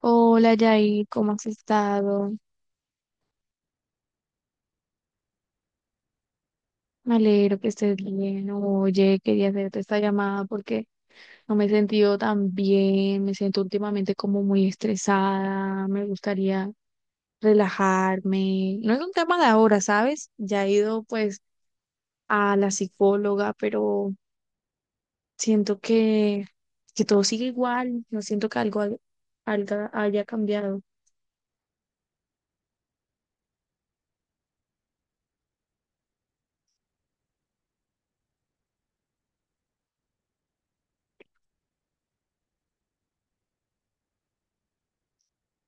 Hola Yair, ¿cómo has estado? Me alegro que estés bien. Oye, quería hacerte esta llamada porque no me he sentido tan bien, me siento últimamente como muy estresada, me gustaría relajarme. No es un tema de ahora, ¿sabes? Ya he ido pues a la psicóloga, pero siento que todo sigue igual, no siento que algo haya cambiado.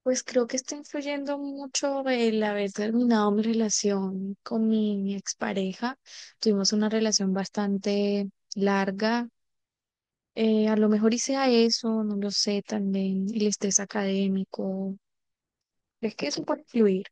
Pues creo que está influyendo mucho el haber terminado mi relación con mi expareja. Tuvimos una relación bastante larga. A lo mejor hice a eso, no lo sé, también el estrés académico. Es que eso puede influir.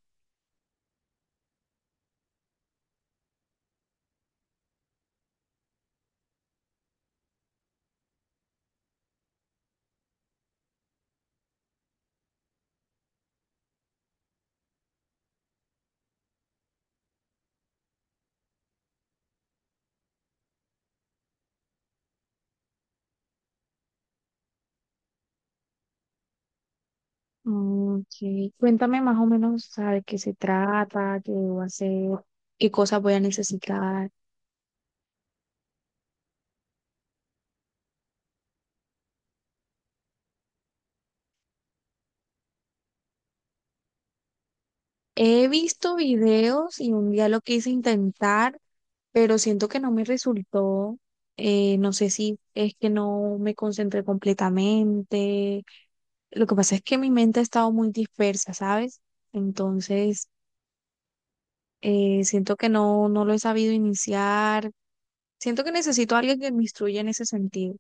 Mm, sí. Cuéntame más o menos, ¿sabe qué se trata? ¿Qué debo hacer? ¿Qué cosas voy a necesitar? He visto videos y un día lo quise intentar pero siento que no me resultó, no sé si es que no me concentré completamente, lo que pasa es que mi mente ha estado muy dispersa, ¿sabes? Entonces, siento que no lo he sabido iniciar, siento que necesito a alguien que me instruya en ese sentido.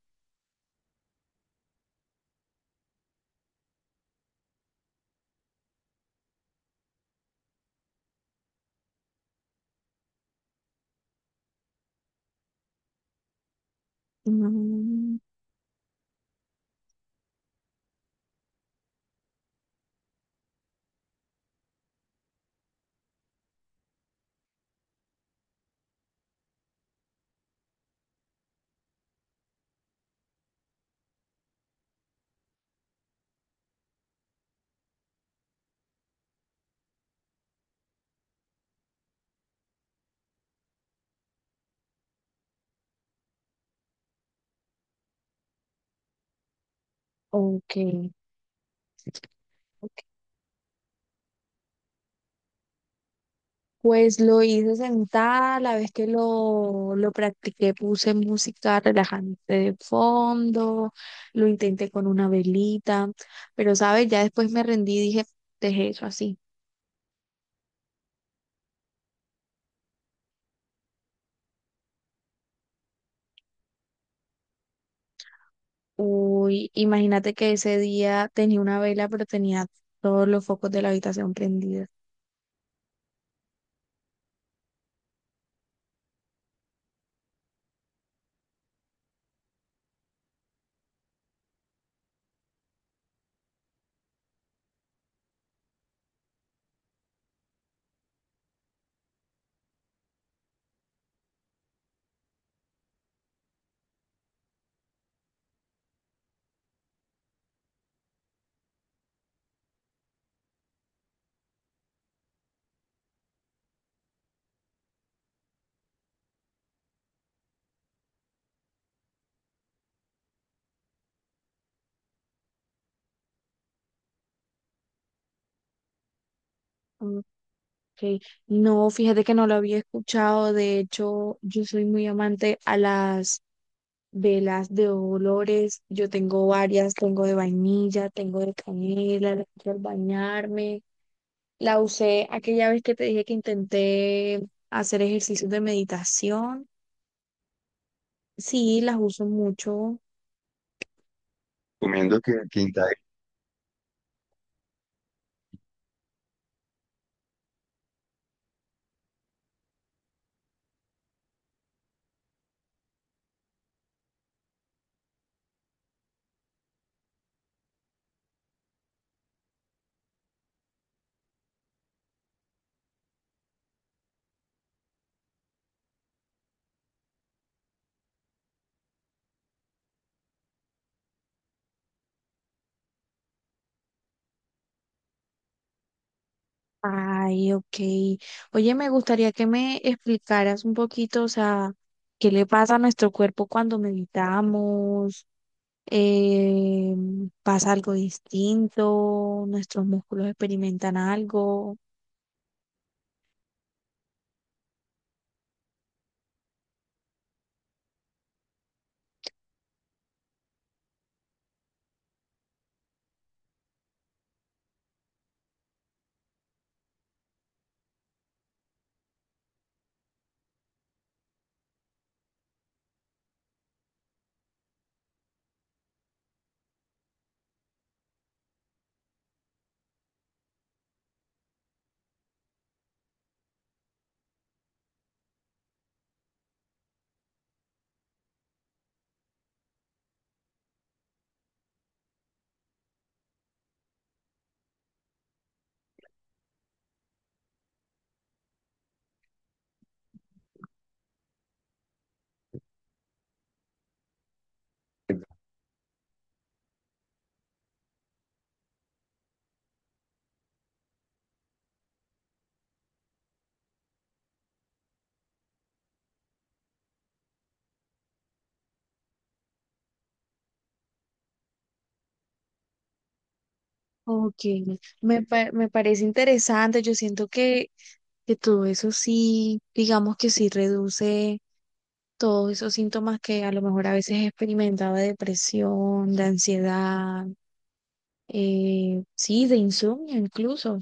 Mm, ok, ok. Pues lo hice sentada, la vez que lo practiqué puse música relajante de fondo, lo intenté con una velita, pero sabes, ya después me rendí y dije, dejé eso así. Uy, imagínate que ese día tenía una vela, pero tenía todos los focos de la habitación prendidos. Ok. No, fíjate que no lo había escuchado, de hecho, yo soy muy amante a las velas de olores. Yo tengo varias, tengo de vainilla, tengo de canela, la uso al bañarme. La usé aquella vez que te dije que intenté hacer ejercicios de meditación. Sí, las uso mucho. Recomiendo que indagues. Ay, ok. Oye, me gustaría que me explicaras un poquito, o sea, qué le pasa a nuestro cuerpo cuando meditamos, eh, pasa algo distinto, nuestros músculos experimentan algo. Ok, me parece interesante. Yo siento que todo eso sí, digamos que sí reduce todos esos síntomas que a lo mejor a veces experimentaba de depresión, de ansiedad, sí, de insomnio incluso.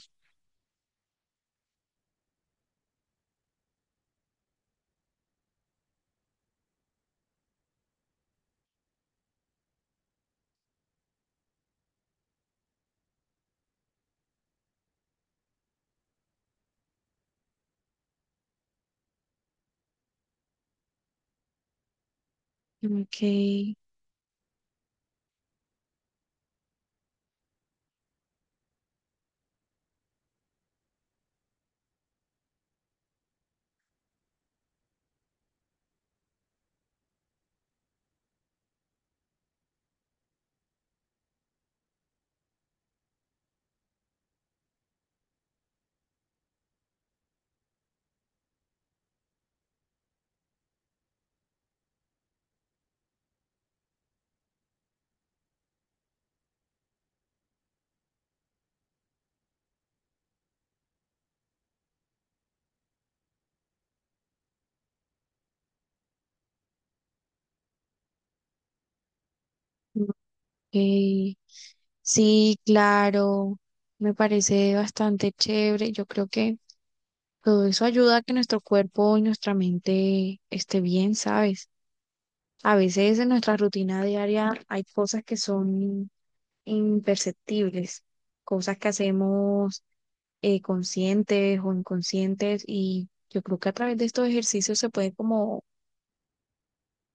Ok. Ok. Sí, claro, me parece bastante chévere. Yo creo que todo eso ayuda a que nuestro cuerpo y nuestra mente esté bien, ¿sabes? A veces en nuestra rutina diaria hay cosas que son imperceptibles, cosas que hacemos conscientes o inconscientes y yo creo que a través de estos ejercicios se puede como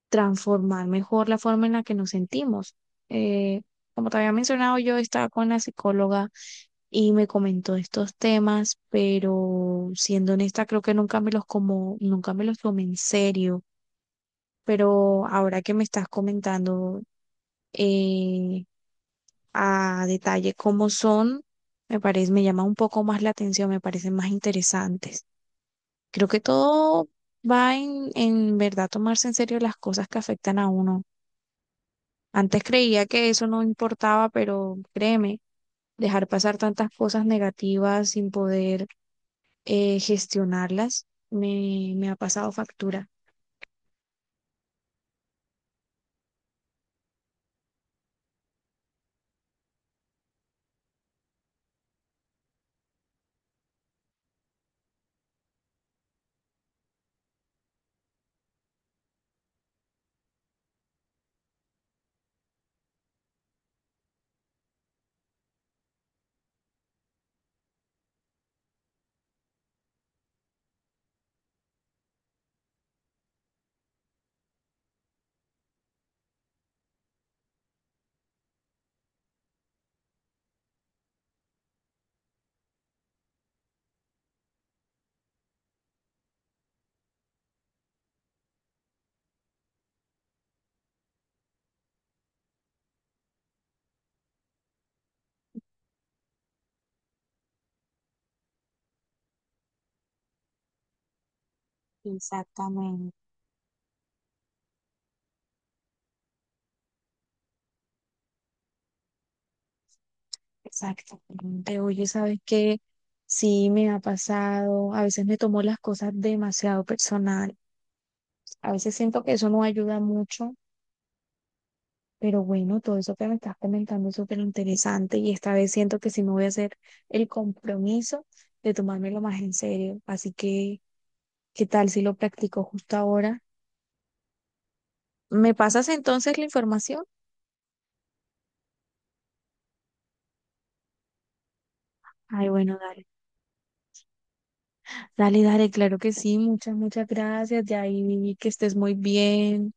transformar mejor la forma en la que nos sentimos. Eh, Como te había mencionado, yo estaba con la psicóloga y me comentó estos temas, pero siendo honesta, creo que nunca me los como, nunca me los tomé en serio. Pero ahora que me estás comentando, eh, a detalle cómo son, me parece, me llama un poco más la atención, me parecen más interesantes. Creo que todo va en verdad tomarse en serio las cosas que afectan a uno. Antes creía que eso no importaba, pero créeme, dejar pasar tantas cosas negativas sin poder gestionarlas me ha pasado factura. Exactamente, exactamente. Oye, ¿sabes qué? Sí, me ha pasado. A veces me tomo las cosas demasiado personal. A veces siento que eso no ayuda mucho, pero bueno, todo eso que me estás comentando es súper interesante y esta vez siento que sí me voy a hacer el compromiso de tomármelo más en serio. Así que… ¿Qué tal si lo practico justo ahora? ¿Me pasas entonces la información? Ay, bueno, dale. Dale, dale, claro que sí. Muchas, muchas gracias. De ahí que estés muy bien.